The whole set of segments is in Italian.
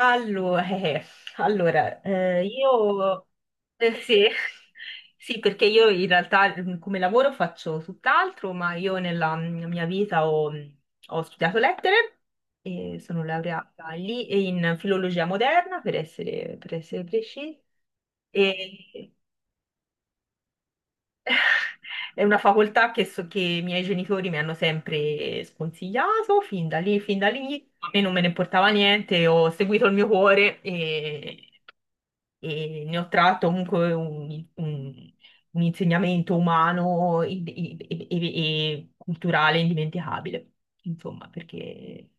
Allora, eh, io sì, sì, perché io in realtà come lavoro faccio tutt'altro, ma io nella mia vita ho, ho studiato lettere e sono laureata lì e in filologia moderna, per essere precisi. E è una facoltà che, so, che i miei genitori mi hanno sempre sconsigliato, fin da lì, fin dall'inizio, a me non me ne importava niente, ho seguito il mio cuore e... E ne ho tratto comunque un insegnamento umano e culturale indimenticabile, insomma, perché...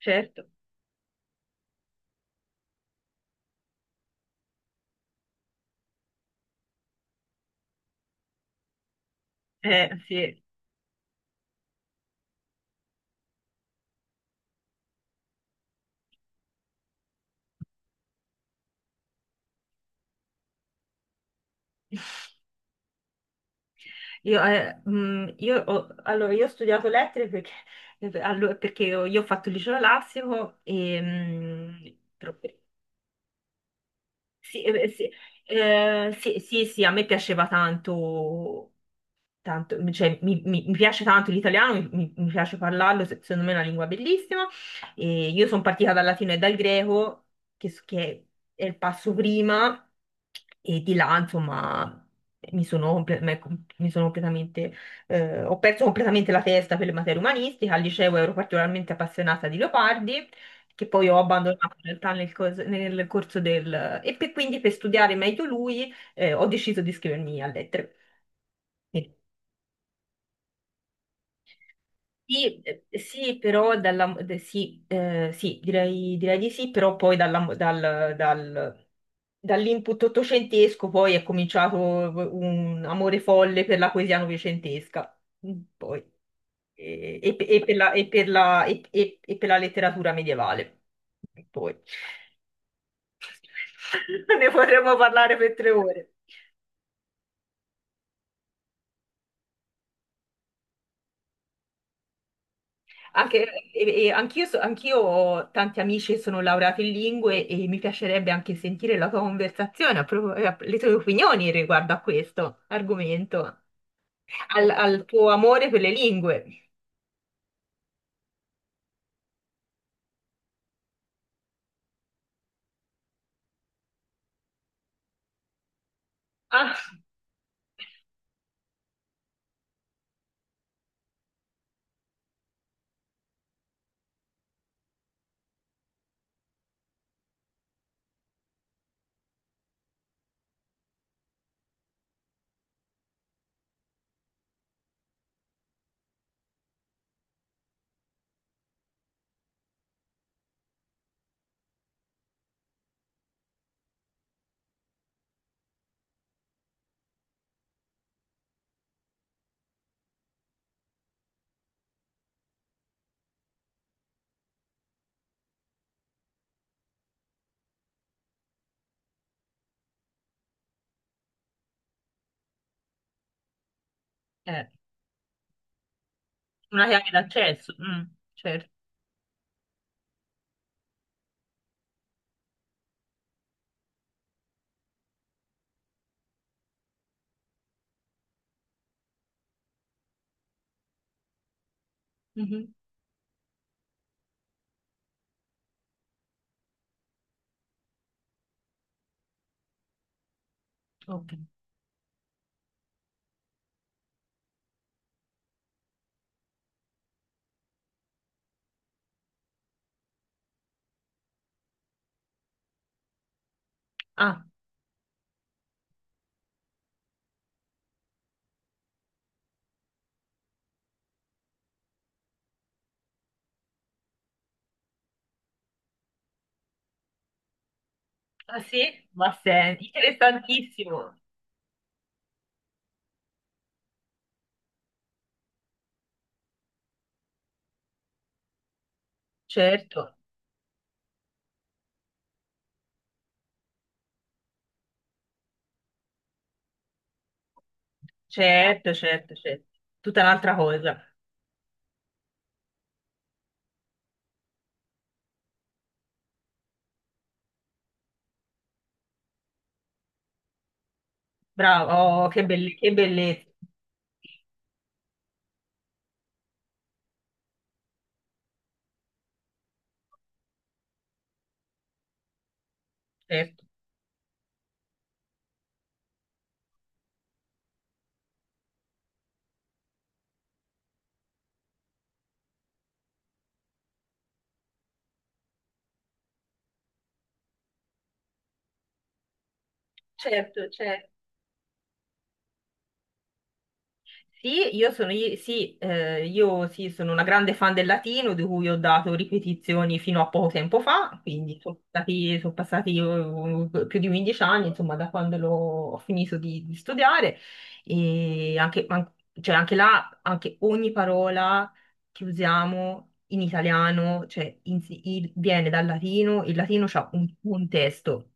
Certo, sì. Io ho studiato lettere perché, perché io ho fatto il liceo classico e... però- sì, sì, sì, a me piaceva tanto tanto, cioè, mi piace tanto l'italiano, mi piace parlarlo, secondo me è una lingua bellissima. E io sono partita dal latino e dal greco, che, che è il passo prima, e di là, insomma, mi sono completamente, ho perso completamente la testa per le materie umanistiche. Al liceo ero particolarmente appassionata di Leopardi. Che poi ho abbandonato in realtà nel, nel corso del... E quindi per studiare meglio lui ho deciso di iscrivermi a lettere. Sì, sì, però dalla, sì, sì, direi, direi di sì, però poi dall'input ottocentesco poi è cominciato un amore folle per la poesia novecentesca. Poi, e per la, e per la letteratura medievale. Poi. Ne potremmo parlare per 3 ore. Anche, e anch'io, anch'io ho tanti amici che sono laureati in lingue e mi piacerebbe anche sentire la tua conversazione, le tue opinioni riguardo a questo argomento, al tuo amore per le lingue. Ah, eh, una chiave d'accesso, certo. Mhm, ok. Ah, ah, sì? Ma sei interessantissimo. Certo, certo, certo, certo. Tutta un'altra cosa. Bravo, oh, che bellezza. Certo, certo, certo. Sì, sì, io sì, sono una grande fan del latino, di cui ho dato ripetizioni fino a poco tempo fa, quindi sono passati, più di 15 anni, insomma, da quando ho finito di studiare. E anche, an- cioè, anche là, anche ogni parola che usiamo in italiano, cioè, viene dal latino, il latino ha un contesto,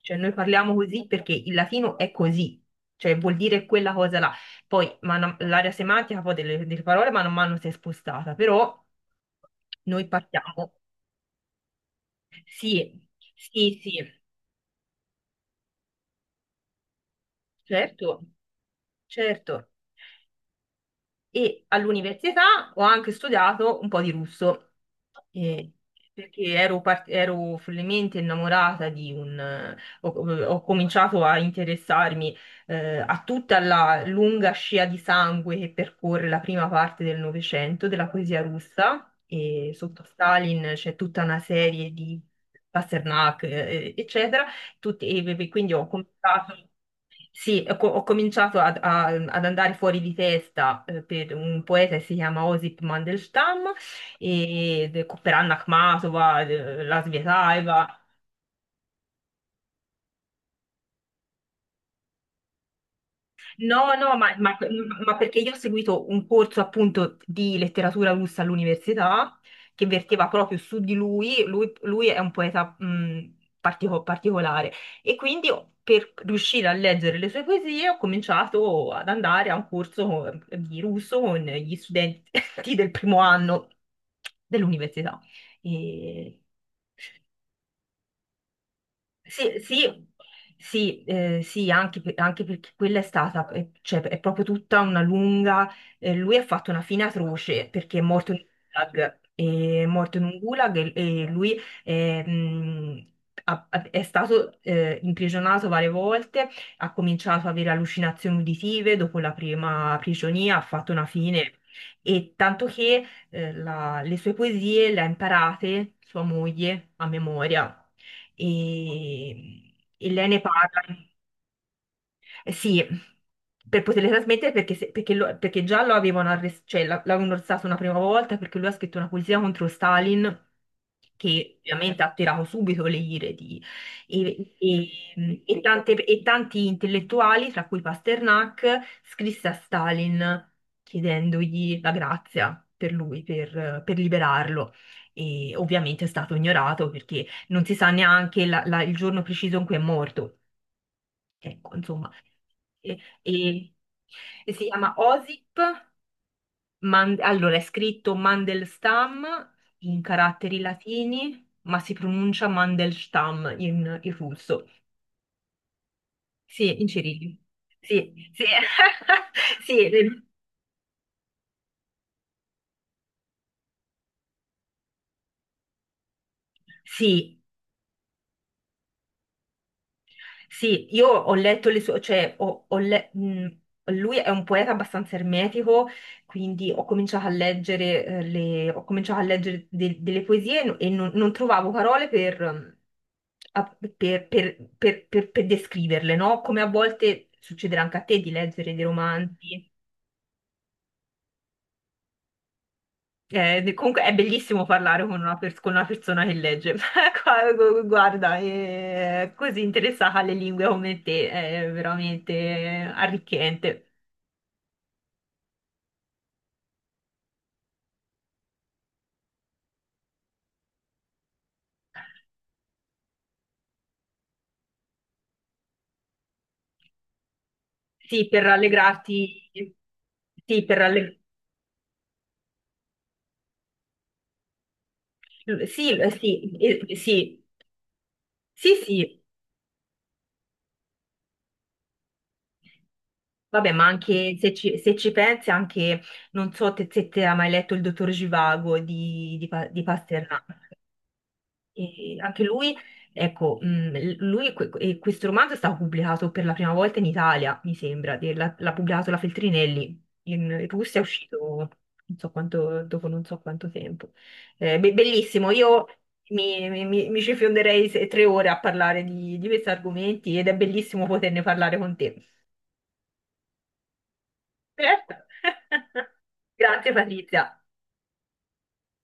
cioè, noi parliamo così perché il latino è così, cioè vuol dire quella cosa là. Poi l'area semantica poi delle, delle parole mano a mano si è spostata, però noi partiamo. Sì, sì, sì, certo, certo. E all'università ho anche studiato un po' di russo, eh, perché ero, ero follemente innamorata di un... Ho, ho cominciato a interessarmi a tutta la lunga scia di sangue che percorre la prima parte del Novecento della poesia russa, e sotto Stalin c'è tutta una serie di Pasternak, eccetera, e quindi ho cominciato... Sì, ho cominciato ad andare fuori di testa per un poeta che si chiama Osip Mandelstam, per Anna Akhmatova, la Svetaeva. No, no, ma, ma perché io ho seguito un corso appunto di letteratura russa all'università che verteva proprio su di lui, lui, lui è un poeta particolare e quindi per riuscire a leggere le sue poesie ho cominciato ad andare a un corso di russo con gli studenti del primo anno dell'università. E... Sì, sì, sì, sì, anche, anche perché quella è stata, cioè, è proprio tutta una lunga, lui ha fatto una fine atroce perché è morto in un gulag, è morto in un gulag e lui eh, mh, è stato imprigionato varie volte, ha cominciato ad avere allucinazioni uditive, dopo la prima prigionia ha fatto una fine e tanto che la- le sue poesie le ha imparate sua moglie a memoria e lei ne parla. Eh sì, per poterle trasmettere perché, perché perché già lo avevano arrestato, cioè l'avevano arrestato una prima volta perché lui ha scritto una poesia contro Stalin che ovviamente ha attirato subito le ire di, e e tanti intellettuali, tra cui Pasternak, scrisse a Stalin chiedendogli la grazia per lui, per liberarlo. E ovviamente è stato ignorato perché non si sa neanche il giorno preciso in cui è morto. Ecco, insomma, e, e- e si chiama OSIP, allora è scritto Mandelstam in caratteri latini, ma si pronuncia Mandelstam in, in russo. Sì, in cirillico. Sì, sì, sì, le- sì, sì. Io ho letto le sue, cioè lui è un poeta abbastanza ermetico, quindi ho cominciato a leggere, le, ho cominciato a leggere delle poesie e non, non trovavo parole per, per descriverle, no? Come a volte succederà anche a te di leggere dei romanzi. Comunque è bellissimo parlare con una, con una persona che legge, guarda, è così interessata alle lingue come te, è veramente arricchente. Sì, per rallegrarti, sì, per ralleg- sì, sì, sì, sì, sì. Vabbè, ma anche se ci, se ci pensi, anche, non so se te hai mai letto il dottor Givago di, di Pasternak. E anche lui, ecco, lui, e questo romanzo è stato pubblicato per la prima volta in Italia, mi sembra, l'ha l'ha pubblicato la Feltrinelli, in Russia è uscito non so quanto, dopo non so quanto tempo. Bellissimo, io mi ci fionderei 3 ore a parlare di questi argomenti ed è bellissimo poterne parlare con te. Certo. Grazie Patrizia.